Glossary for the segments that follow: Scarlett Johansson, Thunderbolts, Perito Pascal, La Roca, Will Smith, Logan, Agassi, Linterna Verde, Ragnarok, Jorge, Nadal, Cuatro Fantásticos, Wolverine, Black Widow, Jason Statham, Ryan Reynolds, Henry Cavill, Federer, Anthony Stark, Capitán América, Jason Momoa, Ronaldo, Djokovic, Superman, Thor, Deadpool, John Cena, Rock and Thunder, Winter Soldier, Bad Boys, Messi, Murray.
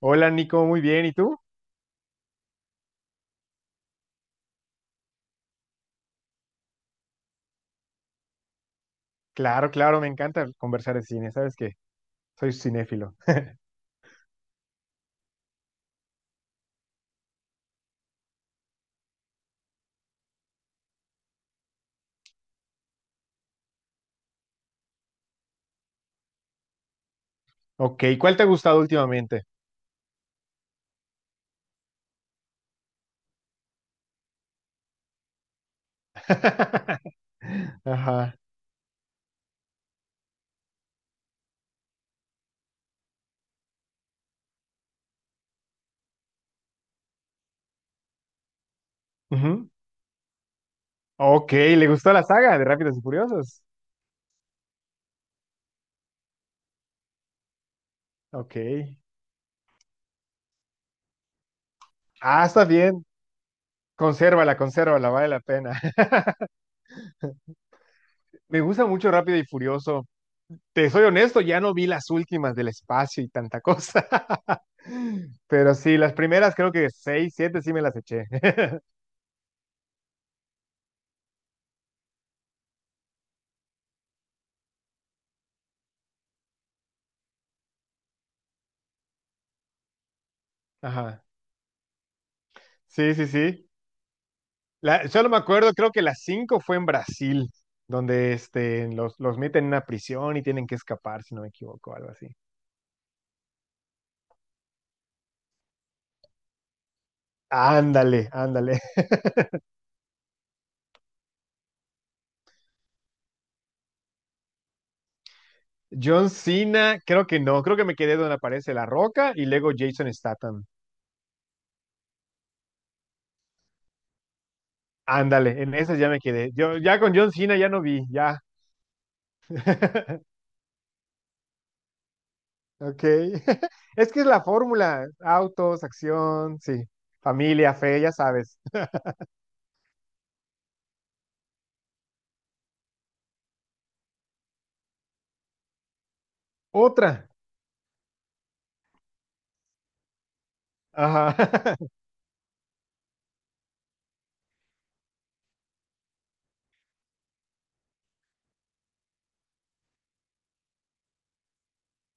Hola Nico, muy bien. ¿Y tú? Claro, claro, me encanta conversar de cine. Sabes que soy cinéfilo. Ok, ¿cuál te ha gustado últimamente? Ajá. Ujú. Ok, ¿le gustó la saga de Rápidos y Furiosos? Ok. Ah, está bien. Consérvala, consérvala, vale la pena. Me gusta mucho Rápido y Furioso. Te soy honesto, ya no vi las últimas del espacio y tanta cosa. Pero sí, las primeras creo que seis, siete sí me las eché. Ajá. Sí, sí, sí. Solo me acuerdo, creo que las cinco fue en Brasil, donde este, los meten en una prisión y tienen que escapar, si no me equivoco, algo así. Ándale, ándale. John Cena, creo que no, creo que me quedé donde aparece La Roca y luego Jason Statham. Ándale, en esas ya me quedé. Yo ya con John Cena ya no vi, ya. Ok. Es que es la fórmula, autos, acción, sí, familia, fe, ya sabes. Otra. Ajá.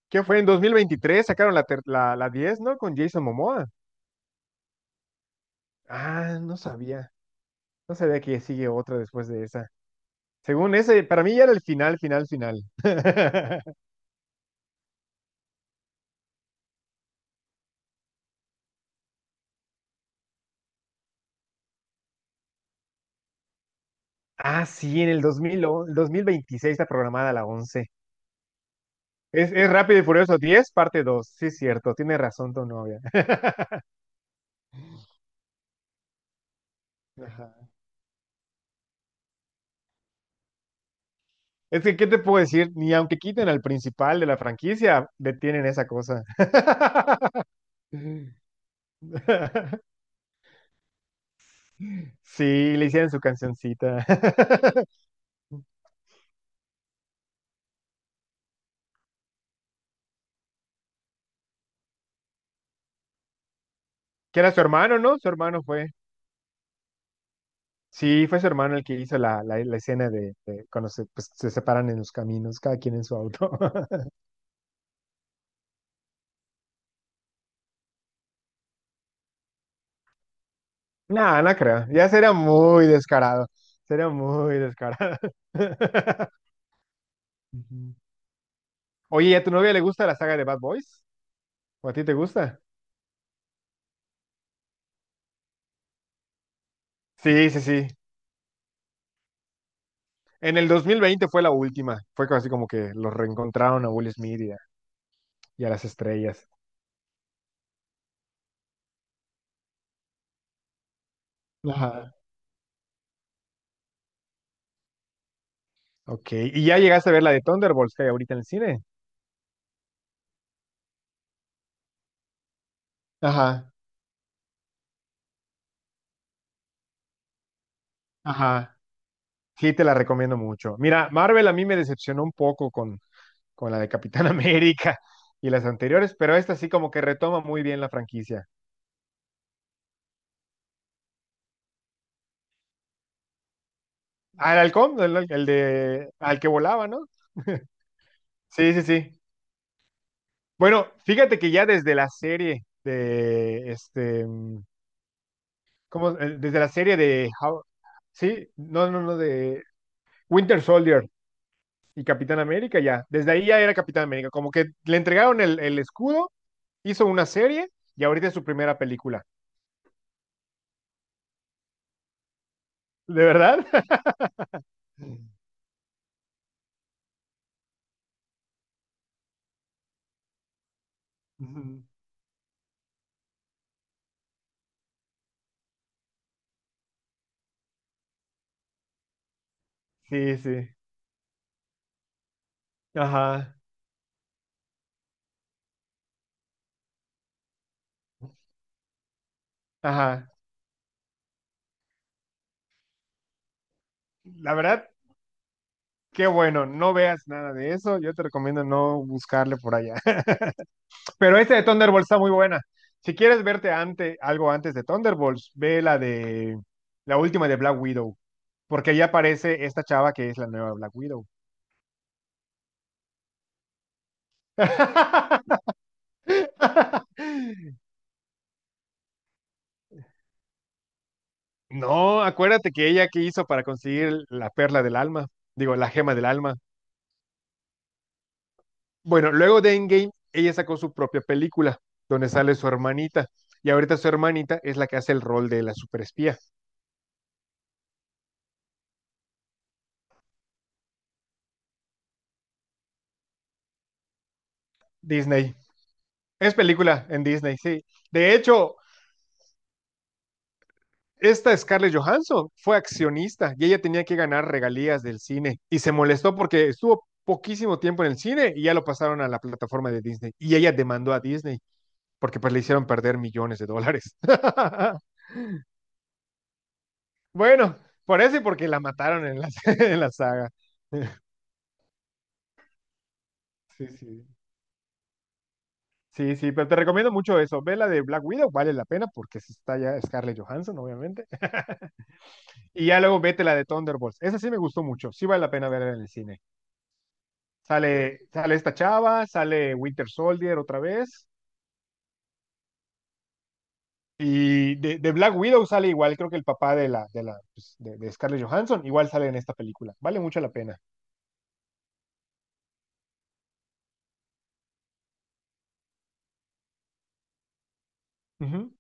¿Qué fue? En 2023 sacaron la diez, ¿no? Con Jason Momoa. Ah, no sabía. No sabía que sigue otra después de esa. Según ese, para mí ya era el final, final, final. Ah, sí, en el 2000 el 2026 está programada la once. Es Rápido y Furioso 10 parte dos. Sí, es cierto. Tiene razón tu novia. Ajá. Es que, ¿qué te puedo decir? Ni aunque quiten al principal de la franquicia, detienen esa cosa. Sí, le hicieron su cancioncita. Que era su hermano, ¿no? Su hermano fue. Sí, fue su hermano el que hizo la escena de cuando se, pues, se separan en los caminos, cada quien en su auto. No, no creo. Ya sería muy descarado. Sería muy descarado. Ujú. Oye, ¿y a tu novia le gusta la saga de Bad Boys? ¿O a ti te gusta? Sí, sí, sí. En el 2020 fue la última. Fue casi como que los reencontraron a Will Smith y a las estrellas. Ajá. Ok, ¿y ya llegaste a ver la de Thunderbolts que hay ahorita en el cine? Ajá, ajá. Sí, te la recomiendo mucho. Mira, Marvel a mí me decepcionó un poco con la de Capitán América y las anteriores, pero esta sí como que retoma muy bien la franquicia. Al halcón, el de al que volaba, ¿no? Sí, sí, sí. Bueno, fíjate que ya desde la serie de este, ¿cómo? Desde la serie de How, sí, no, no, no, de Winter Soldier y Capitán América, ya. Desde ahí ya era Capitán América. Como que le entregaron el escudo, hizo una serie y ahorita es su primera película. ¿De verdad? Ujú. Sí, sí. Ajá, ajá. La verdad, qué bueno. No veas nada de eso. Yo te recomiendo no buscarle por allá. Pero esta de Thunderbolts está muy buena. Si quieres algo antes de Thunderbolts, ve la última de Black Widow. Porque ahí aparece esta chava que es la nueva Black Widow. No, acuérdate que ella que hizo para conseguir la perla del alma, digo, la gema del alma. Bueno, luego de Endgame, ella sacó su propia película, donde sale su hermanita, y ahorita su hermanita es la que hace el rol de la superespía. Disney. Es película en Disney, sí. De hecho, esta Scarlett Johansson fue accionista y ella tenía que ganar regalías del cine y se molestó porque estuvo poquísimo tiempo en el cine y ya lo pasaron a la plataforma de Disney y ella demandó a Disney porque pues le hicieron perder millones de dólares. Bueno, por eso y porque la mataron en la, en la saga. Sí, sí. Sí, sí, pero te recomiendo mucho eso. Ve la de Black Widow, vale la pena porque sí está ya Scarlett Johansson, obviamente. Y ya luego vete la de Thunderbolts. Esa sí me gustó mucho. Sí vale la pena verla en el cine. Sale, sale esta chava, sale Winter Soldier otra vez. Y de Black Widow sale igual, creo que el papá de la, pues, de Scarlett Johansson, igual sale en esta película. Vale mucho la pena. Ujú.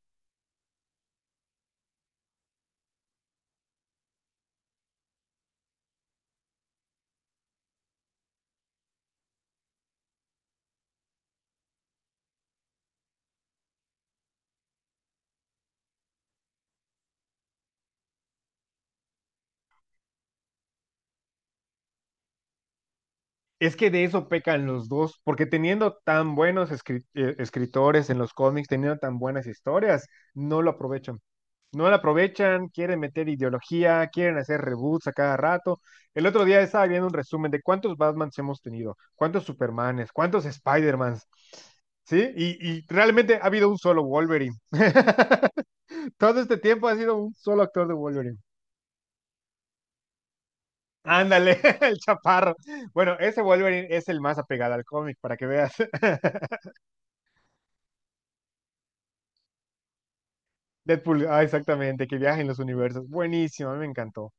Es que de eso pecan los dos, porque teniendo tan escritores en los cómics, teniendo tan buenas historias, no lo aprovechan. No lo aprovechan, quieren meter ideología, quieren hacer reboots a cada rato. El otro día estaba viendo un resumen de cuántos Batmans hemos tenido, cuántos Supermanes, cuántos Spidermans, ¿sí? Y realmente ha habido un solo Wolverine. Todo este tiempo ha sido un solo actor de Wolverine. Ándale, el chaparro. Bueno, ese Wolverine es el más apegado al cómic, para que veas. Deadpool, ah, exactamente, que viaja en los universos. Buenísimo, a mí me encantó.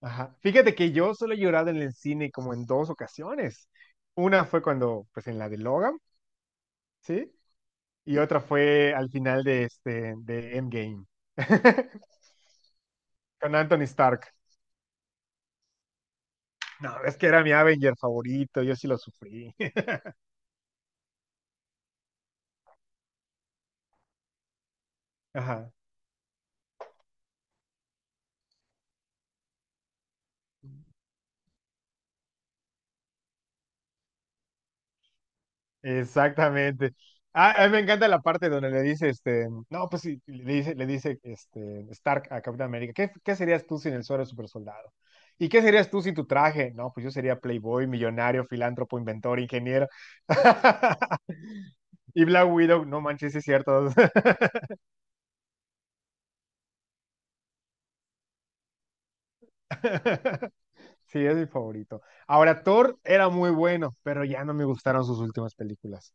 Ajá. Fíjate que yo solo he llorado en el cine como en dos ocasiones. Una fue cuando, pues en la de Logan, ¿sí? Y otra fue al final de este, de Endgame, con Anthony Stark. No, es que era mi Avenger favorito, yo sí lo sufrí. Ajá. Exactamente. Ah, a mí me encanta la parte donde le dice, este, no, pues sí, le dice, este, Stark a Capitán América, ¿ qué serías tú sin el suero de supersoldado? ¿Y qué serías tú sin tu traje? No, pues yo sería playboy, millonario, filántropo, inventor, ingeniero. Y Black Widow, no manches, sí es cierto. Sí, es mi favorito. Ahora, Thor era muy bueno, pero ya no me gustaron sus últimas películas.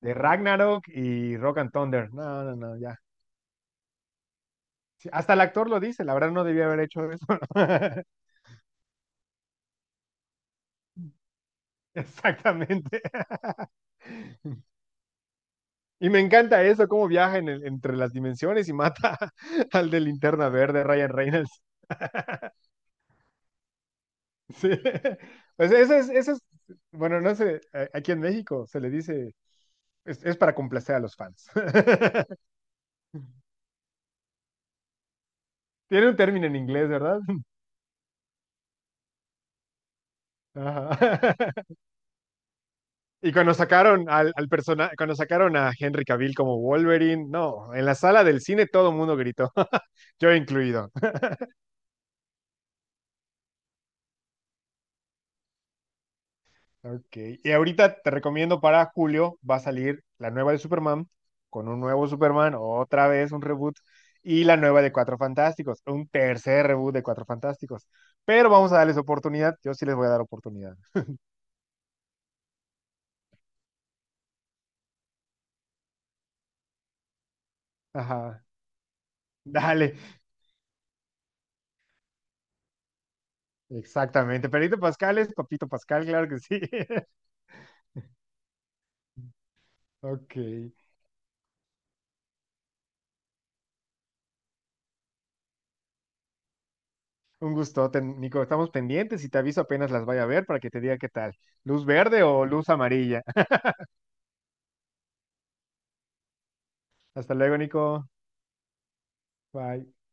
De Ragnarok y Rock and Thunder. No, no, no, ya. Sí, hasta el actor lo dice, la verdad no debía haber hecho eso. Exactamente. Y me encanta eso, cómo viaja entre las dimensiones y mata al de Linterna Verde, Ryan Reynolds. Sí. Pues eso es, bueno, no sé, a- aquí en México se le dice, es para complacer a los fans. Tiene un término en inglés, ¿verdad? Ajá. Y cuando sacaron cuando sacaron a Henry Cavill como Wolverine, no, en la sala del cine todo el mundo gritó, yo incluido. Ok. Y ahorita te recomiendo para julio, va a salir la nueva de Superman, con un nuevo Superman, otra vez un reboot, y la nueva de Cuatro Fantásticos, un tercer reboot de Cuatro Fantásticos. Pero vamos a darles oportunidad, yo sí les voy a dar oportunidad. Ajá. Dale, exactamente. Perito Pascal es Papito Pascal, claro que sí. Ok. Un gustote, Nico. Estamos pendientes y te aviso apenas las vaya a ver para que te diga qué tal. ¿Luz verde o luz amarilla? Hasta luego, Nico. Bye.